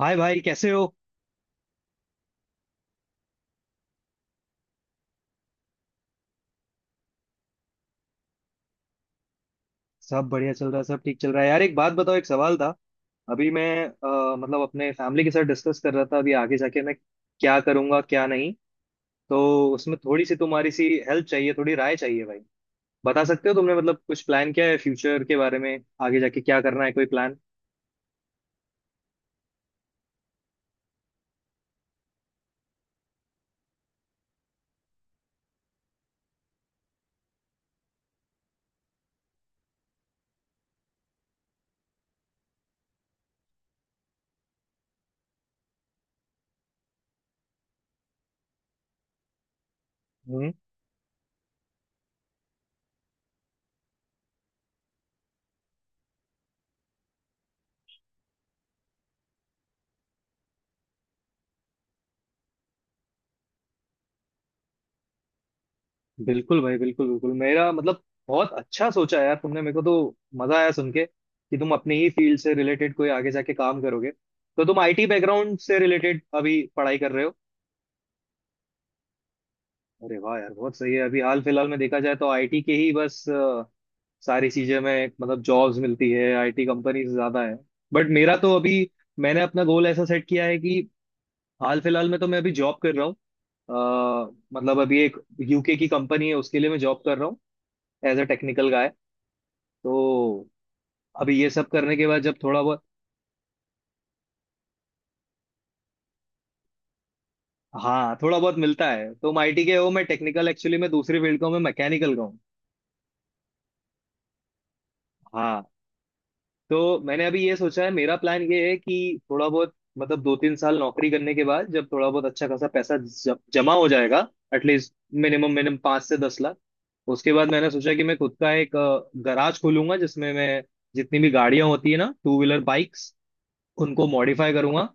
हाय भाई, कैसे हो। सब बढ़िया चल रहा है, सब ठीक चल रहा है यार। एक बात बताओ, एक सवाल था। अभी मैं मतलब अपने फैमिली के साथ डिस्कस कर रहा था अभी आगे जाके मैं क्या करूंगा क्या नहीं। तो उसमें थोड़ी सी तुम्हारी सी हेल्प चाहिए, थोड़ी राय चाहिए भाई। बता सकते हो तुमने मतलब कुछ प्लान किया है फ्यूचर के बारे में? आगे जाके क्या करना है, कोई प्लान? हम्म। बिल्कुल भाई, बिल्कुल बिल्कुल। मेरा मतलब बहुत अच्छा सोचा है यार तुमने, मेरे को तो मजा आया सुन के कि तुम अपनी ही फील्ड से रिलेटेड कोई आगे जाके काम करोगे। तो तुम आईटी बैकग्राउंड से रिलेटेड अभी पढ़ाई कर रहे हो? अरे वाह यार, बहुत सही है। अभी हाल फिलहाल में देखा जाए तो आईटी के ही बस सारी चीजें में मतलब जॉब्स मिलती है, आईटी कंपनीज ज्यादा है। बट मेरा तो अभी, मैंने अपना गोल ऐसा सेट किया है कि हाल फिलहाल में तो मैं अभी जॉब कर रहा हूँ। मतलब अभी एक यूके की कंपनी है, उसके लिए मैं जॉब कर रहा हूँ, एज अ टेक्निकल गाय। तो अभी ये सब करने के बाद जब थोड़ा बहुत। हाँ, थोड़ा बहुत मिलता है। तुम आईटी के हो, मैं टेक्निकल, एक्चुअली मैं दूसरी फील्ड का हूँ, मैं मैकेनिकल का हूँ। हाँ। तो मैंने अभी ये सोचा है, मेरा प्लान ये है कि थोड़ा बहुत मतलब 2 3 साल नौकरी करने के बाद जब थोड़ा बहुत अच्छा खासा पैसा जमा हो जाएगा। एटलीस्ट मिनिमम मिनिमम 5 से 10 लाख। उसके बाद मैंने सोचा कि मैं खुद का एक गराज खोलूंगा, जिसमें मैं जितनी भी गाड़ियां होती है ना, टू व्हीलर बाइक्स, उनको मॉडिफाई करूंगा।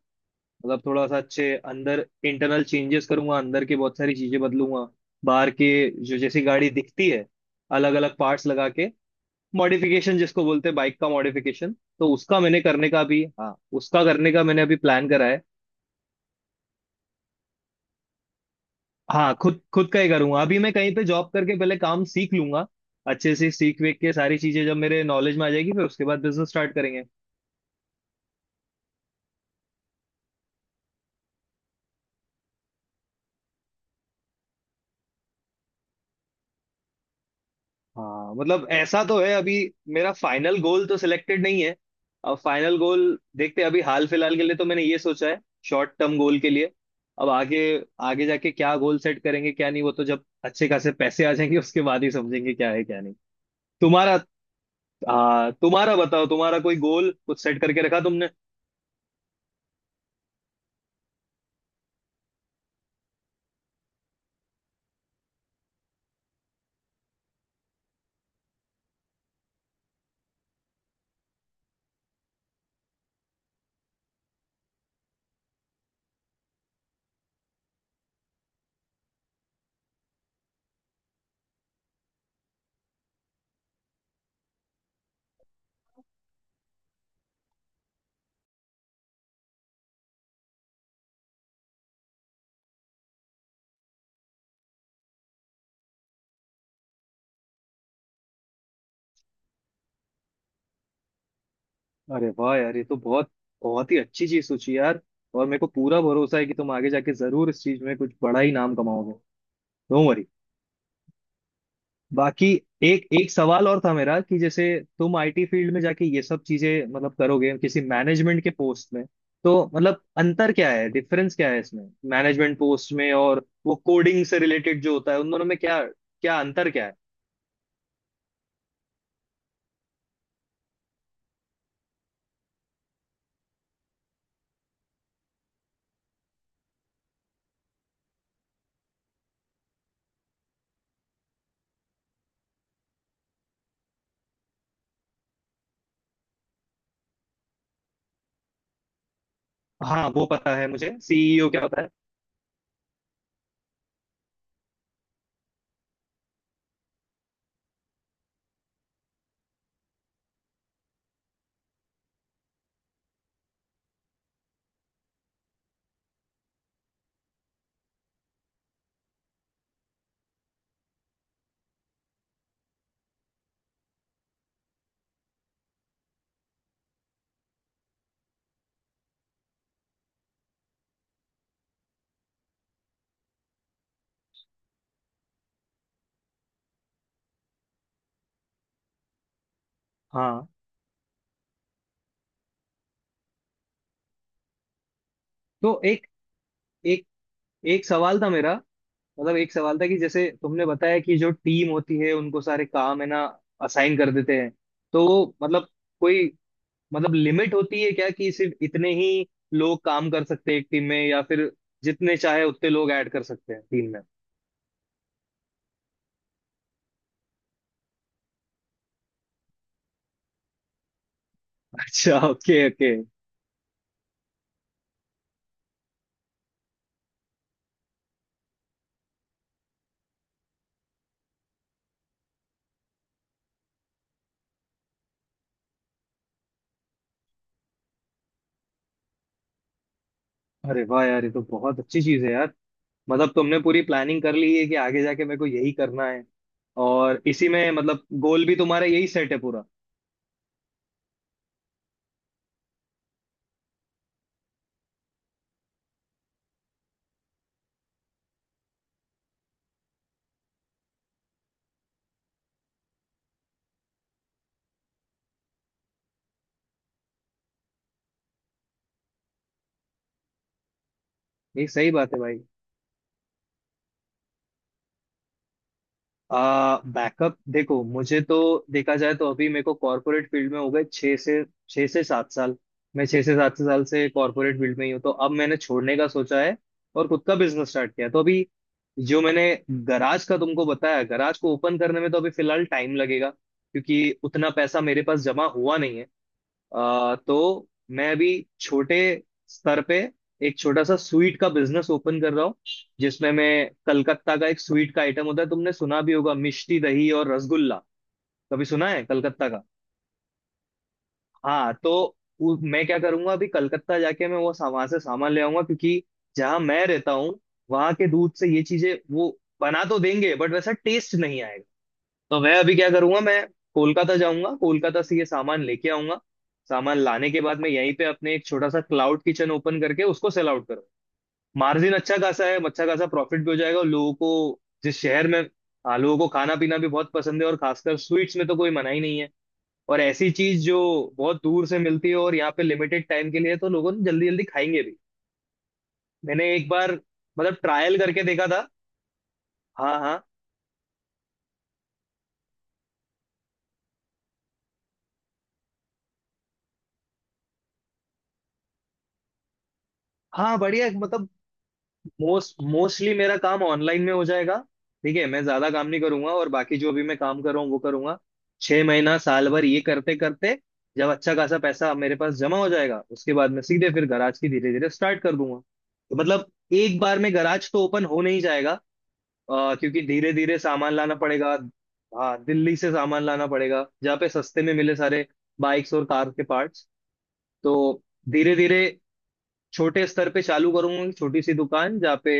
मतलब थोड़ा सा अच्छे अंदर इंटरनल चेंजेस करूंगा, अंदर के बहुत सारी चीजें बदलूंगा, बाहर के, जो जैसी गाड़ी दिखती है, अलग अलग पार्ट्स लगा के मॉडिफिकेशन जिसको बोलते हैं, बाइक का मॉडिफिकेशन। तो उसका मैंने करने का भी, हाँ, उसका करने का मैंने अभी प्लान करा है। हाँ, खुद खुद का ही करूंगा। अभी मैं कहीं पे जॉब करके पहले काम सीख लूंगा, अच्छे से सीख वेख के। सारी चीजें जब मेरे नॉलेज में आ जाएगी फिर उसके बाद बिजनेस स्टार्ट करेंगे। हाँ मतलब ऐसा तो है। अभी मेरा फाइनल गोल तो सिलेक्टेड नहीं है। अब फाइनल गोल देखते हैं, अभी हाल फिलहाल के लिए तो मैंने ये सोचा है, शॉर्ट टर्म गोल के लिए। अब आगे, आगे जाके क्या गोल सेट करेंगे क्या नहीं, वो तो जब अच्छे खासे पैसे आ जाएंगे उसके बाद ही समझेंगे क्या है क्या नहीं। तुम्हारा, हाँ, तुम्हारा बताओ, तुम्हारा कोई गोल कुछ सेट करके रखा तुमने? अरे वाह यार, ये तो बहुत, बहुत ही अच्छी चीज सोची यार। और मेरे को पूरा भरोसा है कि तुम आगे जाके जरूर इस चीज में कुछ बड़ा ही नाम कमाओगे, डोंट वरी। बाकी एक एक सवाल और था मेरा कि जैसे तुम आईटी फील्ड में जाके ये सब चीजें मतलब करोगे किसी मैनेजमेंट के पोस्ट में, तो मतलब अंतर क्या है, डिफरेंस क्या है इसमें? मैनेजमेंट पोस्ट में और वो कोडिंग से रिलेटेड जो होता है, उन दोनों में क्या क्या अंतर क्या है? हाँ, वो पता है मुझे सीईओ क्या होता है। हाँ। तो एक एक एक सवाल था मेरा, मतलब एक सवाल था कि जैसे तुमने बताया कि जो टीम होती है उनको सारे काम है ना असाइन कर देते हैं। तो वो मतलब कोई मतलब लिमिट होती है क्या कि सिर्फ इतने ही लोग काम कर सकते हैं एक टीम में, या फिर जितने चाहे उतने लोग ऐड कर सकते हैं टीम में? अच्छा, ओके ओके। अरे वाह यार, ये तो बहुत अच्छी चीज है यार। मतलब तुमने पूरी प्लानिंग कर ली है कि आगे जाके मेरे को यही करना है, और इसी में मतलब गोल भी तुम्हारा यही सेट है पूरा। ये सही बात है भाई। बैकअप देखो, मुझे तो देखा जाए तो अभी मेरे को कॉर्पोरेट फील्ड में हो गए 6 से 7 साल। मैं 6 से 7 साल से कॉर्पोरेट फील्ड में ही हूँ, तो अब मैंने छोड़ने का सोचा है और खुद का बिजनेस स्टार्ट किया है। तो अभी जो मैंने गराज का तुमको बताया, गराज को ओपन करने में तो अभी फिलहाल टाइम लगेगा, क्योंकि उतना पैसा मेरे पास जमा हुआ नहीं है। तो मैं अभी छोटे स्तर पे एक छोटा सा स्वीट का बिजनेस ओपन कर रहा हूँ, जिसमें मैं कलकत्ता का एक स्वीट का आइटम होता है, तुमने सुना भी होगा, मिष्टी दही और रसगुल्ला। कभी सुना है कलकत्ता का? हाँ। तो मैं क्या करूंगा अभी कलकत्ता जाके, मैं वहां से सामान ले आऊंगा, क्योंकि जहां मैं रहता हूँ वहां के दूध से ये चीजें वो बना तो देंगे बट वैसा टेस्ट नहीं आएगा। तो मैं अभी क्या करूंगा, मैं कोलकाता जाऊंगा, कोलकाता से ये सामान लेके आऊंगा। सामान लाने के बाद मैं यहीं पे अपने एक छोटा सा क्लाउड किचन ओपन करके उसको सेल आउट करूंगा। मार्जिन अच्छा खासा है, अच्छा खासा प्रॉफिट भी हो जाएगा, और लोगों को जिस शहर में, हाँ, लोगों को खाना पीना भी बहुत पसंद है, और खासकर स्वीट्स में तो कोई मना ही नहीं है। और ऐसी चीज जो बहुत दूर से मिलती है और यहाँ पे लिमिटेड टाइम के लिए है, तो लोगों ने जल्दी जल्दी खाएंगे भी। मैंने एक बार मतलब ट्रायल करके देखा था। हाँ हाँ। हाँ, बढ़िया। मतलब मोस्टली मेरा काम ऑनलाइन में हो जाएगा। ठीक है, मैं ज्यादा काम नहीं करूंगा, और बाकी जो भी मैं काम कर रहा हूँ वो करूंगा। 6 महीना साल भर ये करते करते जब अच्छा खासा पैसा मेरे पास जमा हो जाएगा, उसके बाद मैं सीधे फिर गराज की धीरे धीरे स्टार्ट कर दूंगा। तो मतलब एक बार में गराज तो ओपन हो नहीं जाएगा। क्योंकि धीरे धीरे सामान लाना पड़ेगा, हाँ, दिल्ली से सामान लाना पड़ेगा जहाँ पे सस्ते में मिले सारे बाइक्स और कार के पार्ट्स। तो धीरे धीरे छोटे स्तर पे चालू करूंगा कि छोटी सी दुकान जहाँ पे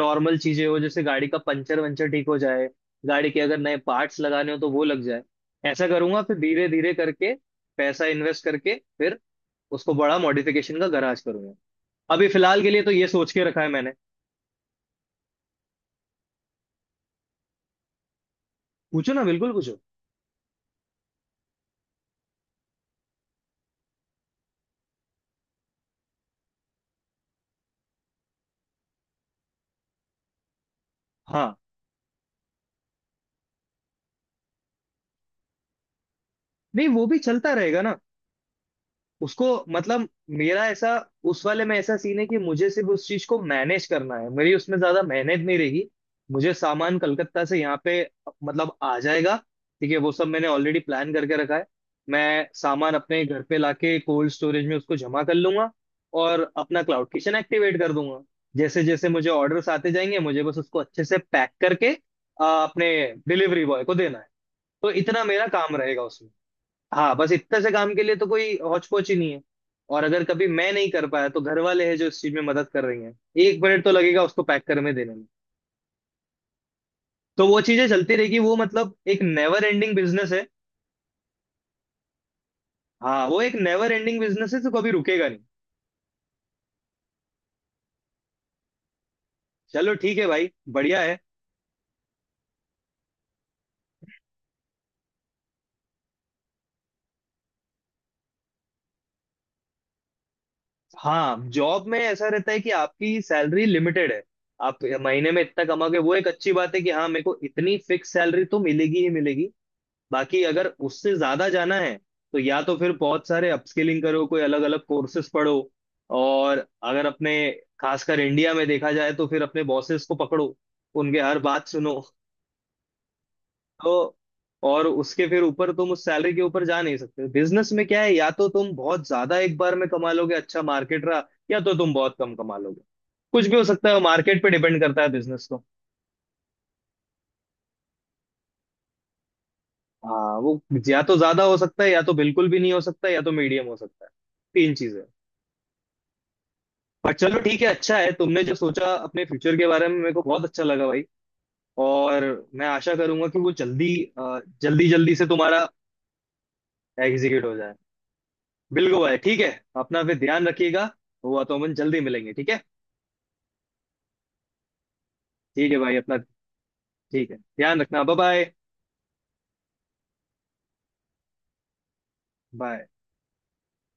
नॉर्मल चीजें हो, जैसे गाड़ी का पंचर वंचर ठीक हो जाए, गाड़ी के अगर नए पार्ट्स लगाने हो तो वो लग जाए। ऐसा करूंगा फिर धीरे धीरे करके पैसा इन्वेस्ट करके फिर उसको बड़ा मॉडिफिकेशन का गराज करूंगा। अभी फिलहाल के लिए तो ये सोच के रखा है मैंने। पूछो ना, बिल्कुल पूछो। हाँ। नहीं, वो भी चलता रहेगा ना। उसको मतलब, मेरा ऐसा, उस वाले में ऐसा सीन है कि मुझे सिर्फ उस चीज को मैनेज करना है, मेरी उसमें ज्यादा मेहनत नहीं रहेगी। मुझे सामान कलकत्ता से यहाँ पे मतलब आ जाएगा। ठीक है, वो सब मैंने ऑलरेडी प्लान करके रखा है। मैं सामान अपने घर पे लाके कोल्ड स्टोरेज में उसको जमा कर लूंगा, और अपना क्लाउड किचन एक्टिवेट कर दूंगा। जैसे जैसे मुझे ऑर्डर्स आते जाएंगे, मुझे बस उसको अच्छे से पैक करके अपने डिलीवरी बॉय को देना है। तो इतना मेरा काम रहेगा। हाँ, बस इतने से काम के लिए तो कोई हौच पोच ही नहीं है। और अगर कभी मैं नहीं कर पाया तो घर वाले हैं जो इस चीज में मदद कर रही हैं। एक मिनट तो लगेगा उसको पैक करने में, देने में। तो वो चीजें चलती रहेगी, वो मतलब एक नेवर एंडिंग बिजनेस है। हाँ, वो एक नेवर एंडिंग बिजनेस है, तो कभी रुकेगा नहीं। चलो ठीक है भाई, बढ़िया है। हाँ, जॉब में ऐसा रहता है कि आपकी सैलरी लिमिटेड है, आप महीने में इतना कमाओगे। वो एक अच्छी बात है कि हाँ, मेरे को इतनी फिक्स सैलरी तो मिलेगी ही मिलेगी। बाकी अगर उससे ज्यादा जाना है तो या तो फिर बहुत सारे अपस्किलिंग करो, कोई अलग अलग कोर्सेस पढ़ो, और अगर अपने, खासकर इंडिया में देखा जाए तो फिर अपने बॉसेस को पकड़ो, उनके हर बात सुनो। तो और उसके फिर ऊपर तुम उस सैलरी के ऊपर जा नहीं सकते। बिजनेस में क्या है, या तो तुम बहुत ज्यादा एक बार में कमा लोगे, अच्छा मार्केट रहा, या तो तुम बहुत कम कमा लोगे। कुछ भी हो सकता है, मार्केट पे डिपेंड करता है बिजनेस तो। हाँ वो, या तो ज्यादा हो सकता है, या तो बिल्कुल भी नहीं हो सकता है, या तो मीडियम हो सकता है। तीन चीजें। पर चलो ठीक है, अच्छा है तुमने जो सोचा अपने फ्यूचर के बारे में, मेरे को बहुत अच्छा लगा भाई। और मैं आशा करूंगा कि वो जल्दी जल्दी जल्दी से तुम्हारा एग्जीक्यूट हो जाए। बिल्कुल भाई, ठीक है, अपना फिर ध्यान रखिएगा। हुआ तो अपन जल्दी मिलेंगे, ठीक है। ठीक है भाई, अपना ठीक है, ध्यान रखना, बाय बाय।